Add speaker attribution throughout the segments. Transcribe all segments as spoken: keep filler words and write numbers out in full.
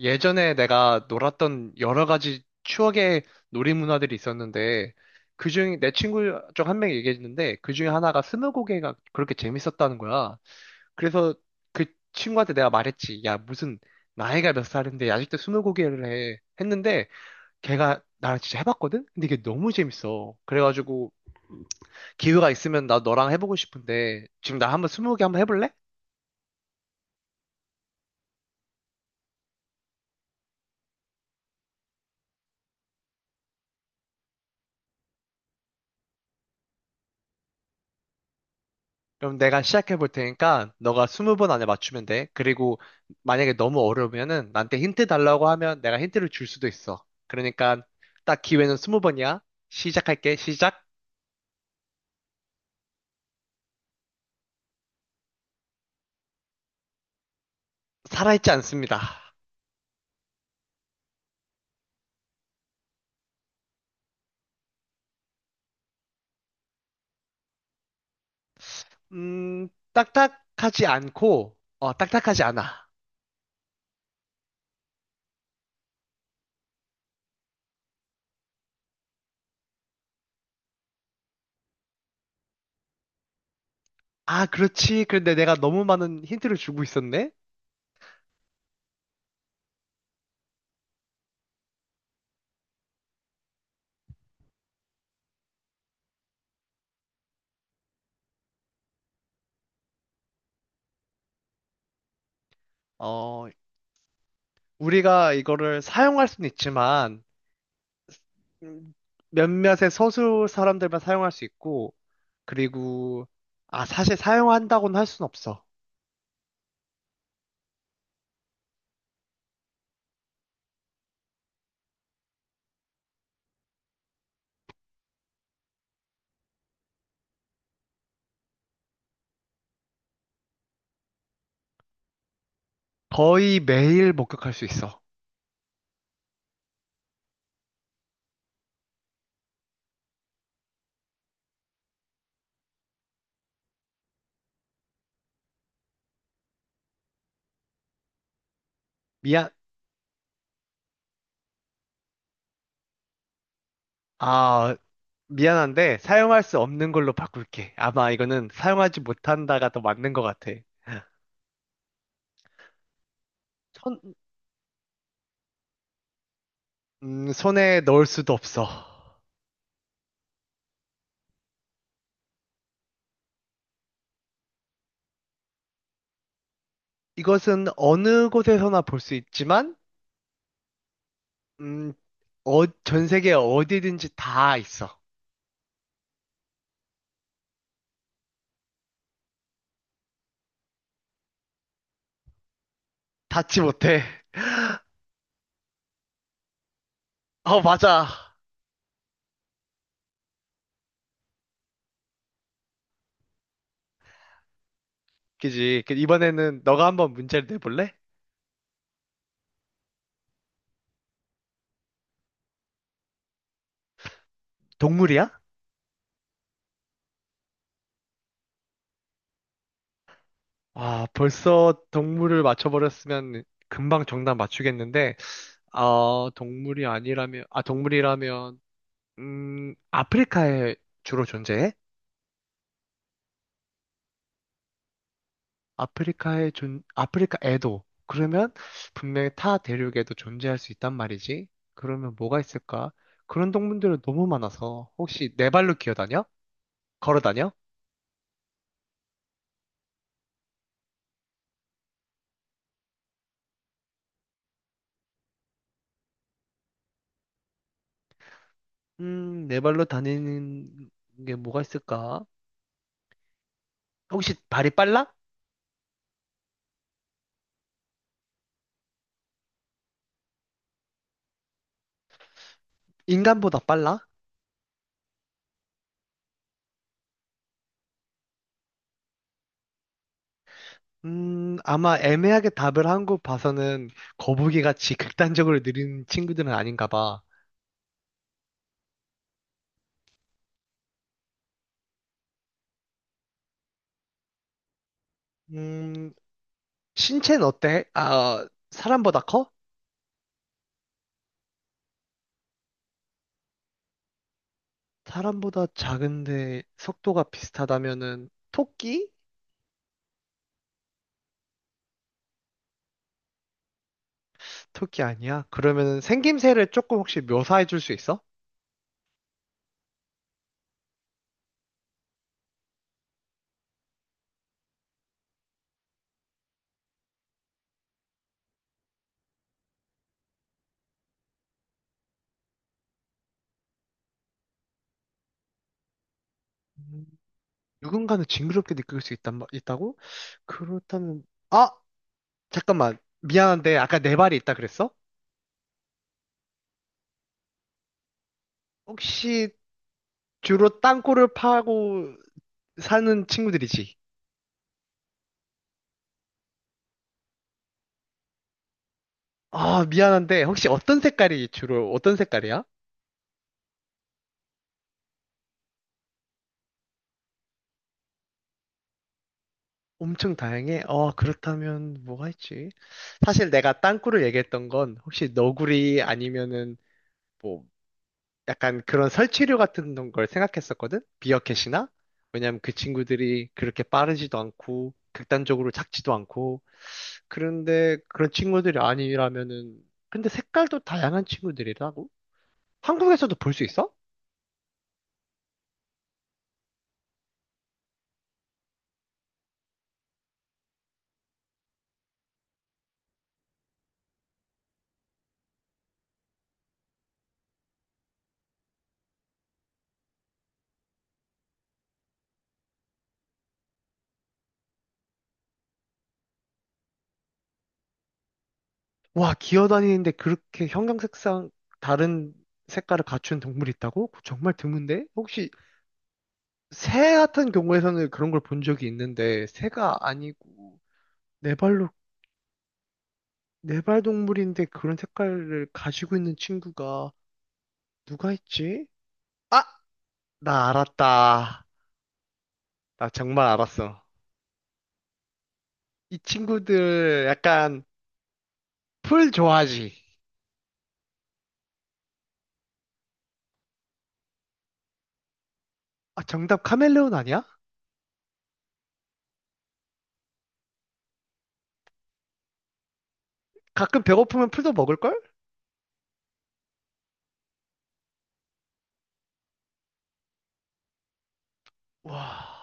Speaker 1: 예전에 내가 놀았던 여러 가지 추억의 놀이 문화들이 있었는데, 그중, 내 친구 중 한 명이 얘기했는데, 그 중에 하나가 스무고개가 그렇게 재밌었다는 거야. 그래서 그 친구한테 내가 말했지. 야, 무슨, 나이가 몇 살인데 아직도 스무고개를 해. 했는데, 걔가 나랑 진짜 해봤거든? 근데 이게 너무 재밌어. 그래가지고, 기회가 있으면 나 너랑 해보고 싶은데, 지금 나 한번 스무고개 한번 해볼래? 그럼 내가 시작해 볼 테니까 너가 스무 번 안에 맞추면 돼. 그리고 만약에 너무 어려우면은 나한테 힌트 달라고 하면 내가 힌트를 줄 수도 있어. 그러니까 딱 기회는 스무 번이야. 시작할게. 시작. 살아있지 않습니다. 음, 딱딱하지 않고, 어, 딱딱하지 않아. 아, 그렇지. 그런데 내가 너무 많은 힌트를 주고 있었네? 어, 우리가 이거를 사용할 수는 있지만 음, 몇몇의 소수 사람들만 사용할 수 있고, 그리고, 아, 사실 사용한다고는 할 순 없어. 거의 매일 목격할 수 있어. 미안. 아, 미안한데, 사용할 수 없는 걸로 바꿀게. 아마 이거는 사용하지 못한다가 더 맞는 것 같아. 손, 음, 손에 넣을 수도 없어. 이것은 어느 곳에서나 볼 수 있지만, 음, 어, 전 세계 어디든지 다 있어. 닿지 못해. 어, 맞아. 그지? 그 이번에는 너가 한번 문제를 내볼래? 동물이야? 아, 벌써 동물을 맞춰버렸으면 금방 정답 맞추겠는데, 어, 동물이 아니라면, 아, 동물이라면, 음, 아프리카에 주로 존재해? 아프리카에 존, 아프리카에도. 그러면 분명히 타 대륙에도 존재할 수 있단 말이지. 그러면 뭐가 있을까? 그런 동물들은 너무 많아서, 혹시 네 발로 기어다녀? 걸어다녀? 음, 네 발로 다니는 게 뭐가 있을까? 혹시 발이 빨라? 인간보다 빨라? 음, 아마 애매하게 답을 한 거 봐서는 거북이같이 극단적으로 느린 친구들은 아닌가 봐. 음, 신체는 어때? 아, 사람보다 커? 사람보다 작은데 속도가 비슷하다면은 토끼? 토끼 아니야? 그러면은 생김새를 조금 혹시 묘사해 줄 수 있어? 음, 누군가는 징그럽게 느낄 수 있단, 말- 있다고? 그렇다면, 아! 잠깐만. 미안한데 아까 네 발이 있다 그랬어? 혹시 주로 땅굴을 파고 사는 친구들이지. 아, 미안한데, 혹시 어떤 색깔이 주로, 어떤 색깔이야? 엄청 다양해? 어, 그렇다면 뭐가 있지? 사실 내가 땅굴을 얘기했던 건 혹시 너구리 아니면은 뭐 약간 그런 설치류 같은 걸 생각했었거든? 비어캣이나? 왜냐면 그 친구들이 그렇게 빠르지도 않고 극단적으로 작지도 않고 그런데 그런 친구들이 아니라면은 근데 색깔도 다양한 친구들이라고? 한국에서도 볼 수 있어? 와, 기어다니는데 그렇게 형형색상 다른 색깔을 갖춘 동물이 있다고? 그거 정말 드문데? 혹시 새 같은 경우에서는 그런 걸 본 적이 있는데 새가 아니고 네 발로 네발 동물인데 그런 색깔을 가지고 있는 친구가 누가 있지? 아, 나 알았다. 나 정말 알았어. 이 친구들 약간 풀 좋아하지? 아, 정답 카멜레온 아니야? 가끔 배고프면 풀도 먹을걸? 와.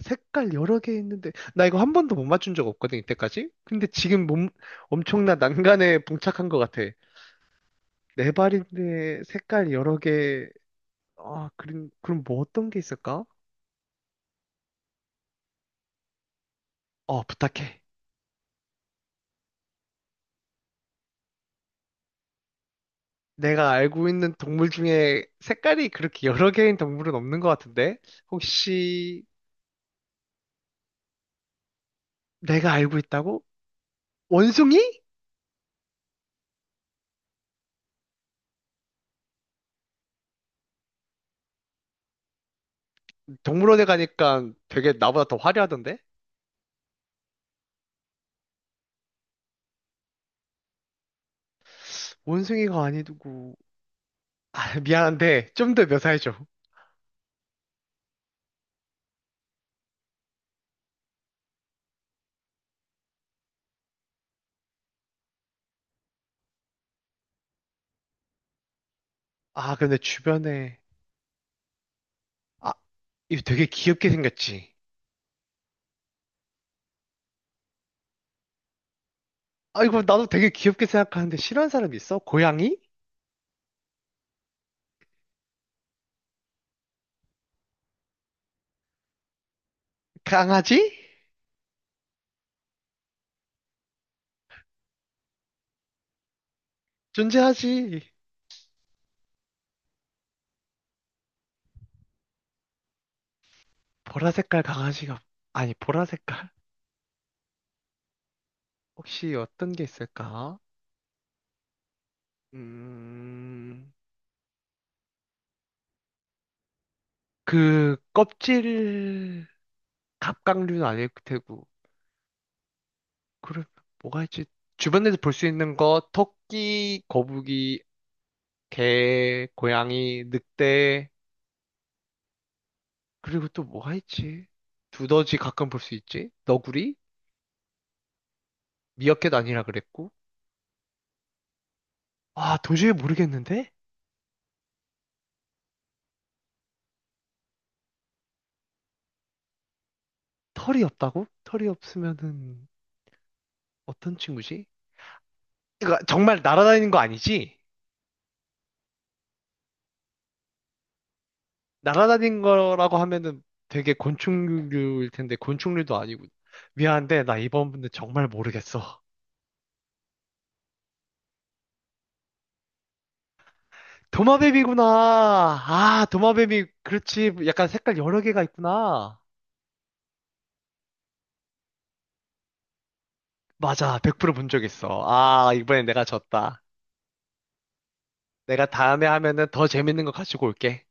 Speaker 1: 색깔 여러 개 있는데 나 이거 한 번도 못 맞춘 적 없거든 이때까지. 근데 지금 몸 엄청난 난간에 봉착한 것 같아. 네 발인데 색깔 여러 개아. 그럼 그럼 뭐 어떤 게 있을까? 어, 부탁해. 내가 알고 있는 동물 중에 색깔이 그렇게 여러 개인 동물은 없는 것 같은데. 혹시 내가 알고 있다고. 원숭이? 동물원에 가니까 되게 나보다 더 화려하던데. 원숭이가 아니고. 아, 미안한데 좀 더 묘사해줘. 아, 근데 주변에. 아, 이거 되게 귀엽게 생겼지? 아, 이거 나도 되게 귀엽게 생각하는데 싫어하는 사람이 있어? 고양이? 강아지? 존재하지. 보라 색깔 강아지가, 아니, 보라 색깔? 혹시 어떤 게 있을까? 음, 그, 껍질, 갑각류는 아닐 테고. 그럼 뭐가 있지? 주변에서 볼 수 있는 거, 토끼, 거북이, 개, 고양이, 늑대, 그리고 또 뭐가 있지? 두더지 가끔 볼 수 있지? 너구리? 미어캣 아니라 그랬고, 아, 도저히 모르겠는데? 털이 없다고? 털이 없으면은 어떤 친구지? 그러니까 정말 날아다니는 거 아니지? 날아다닌 거라고 하면은 되게 곤충류일 텐데, 곤충류도 아니고. 미안한데, 나 이번 분들 정말 모르겠어. 도마뱀이구나. 아, 도마뱀이, 그렇지. 약간 색깔 여러 개가 있구나. 맞아, 백 퍼센트 본 적 있어. 아, 이번엔 내가 졌다. 내가 다음에 하면은 더 재밌는 거 가지고 올게.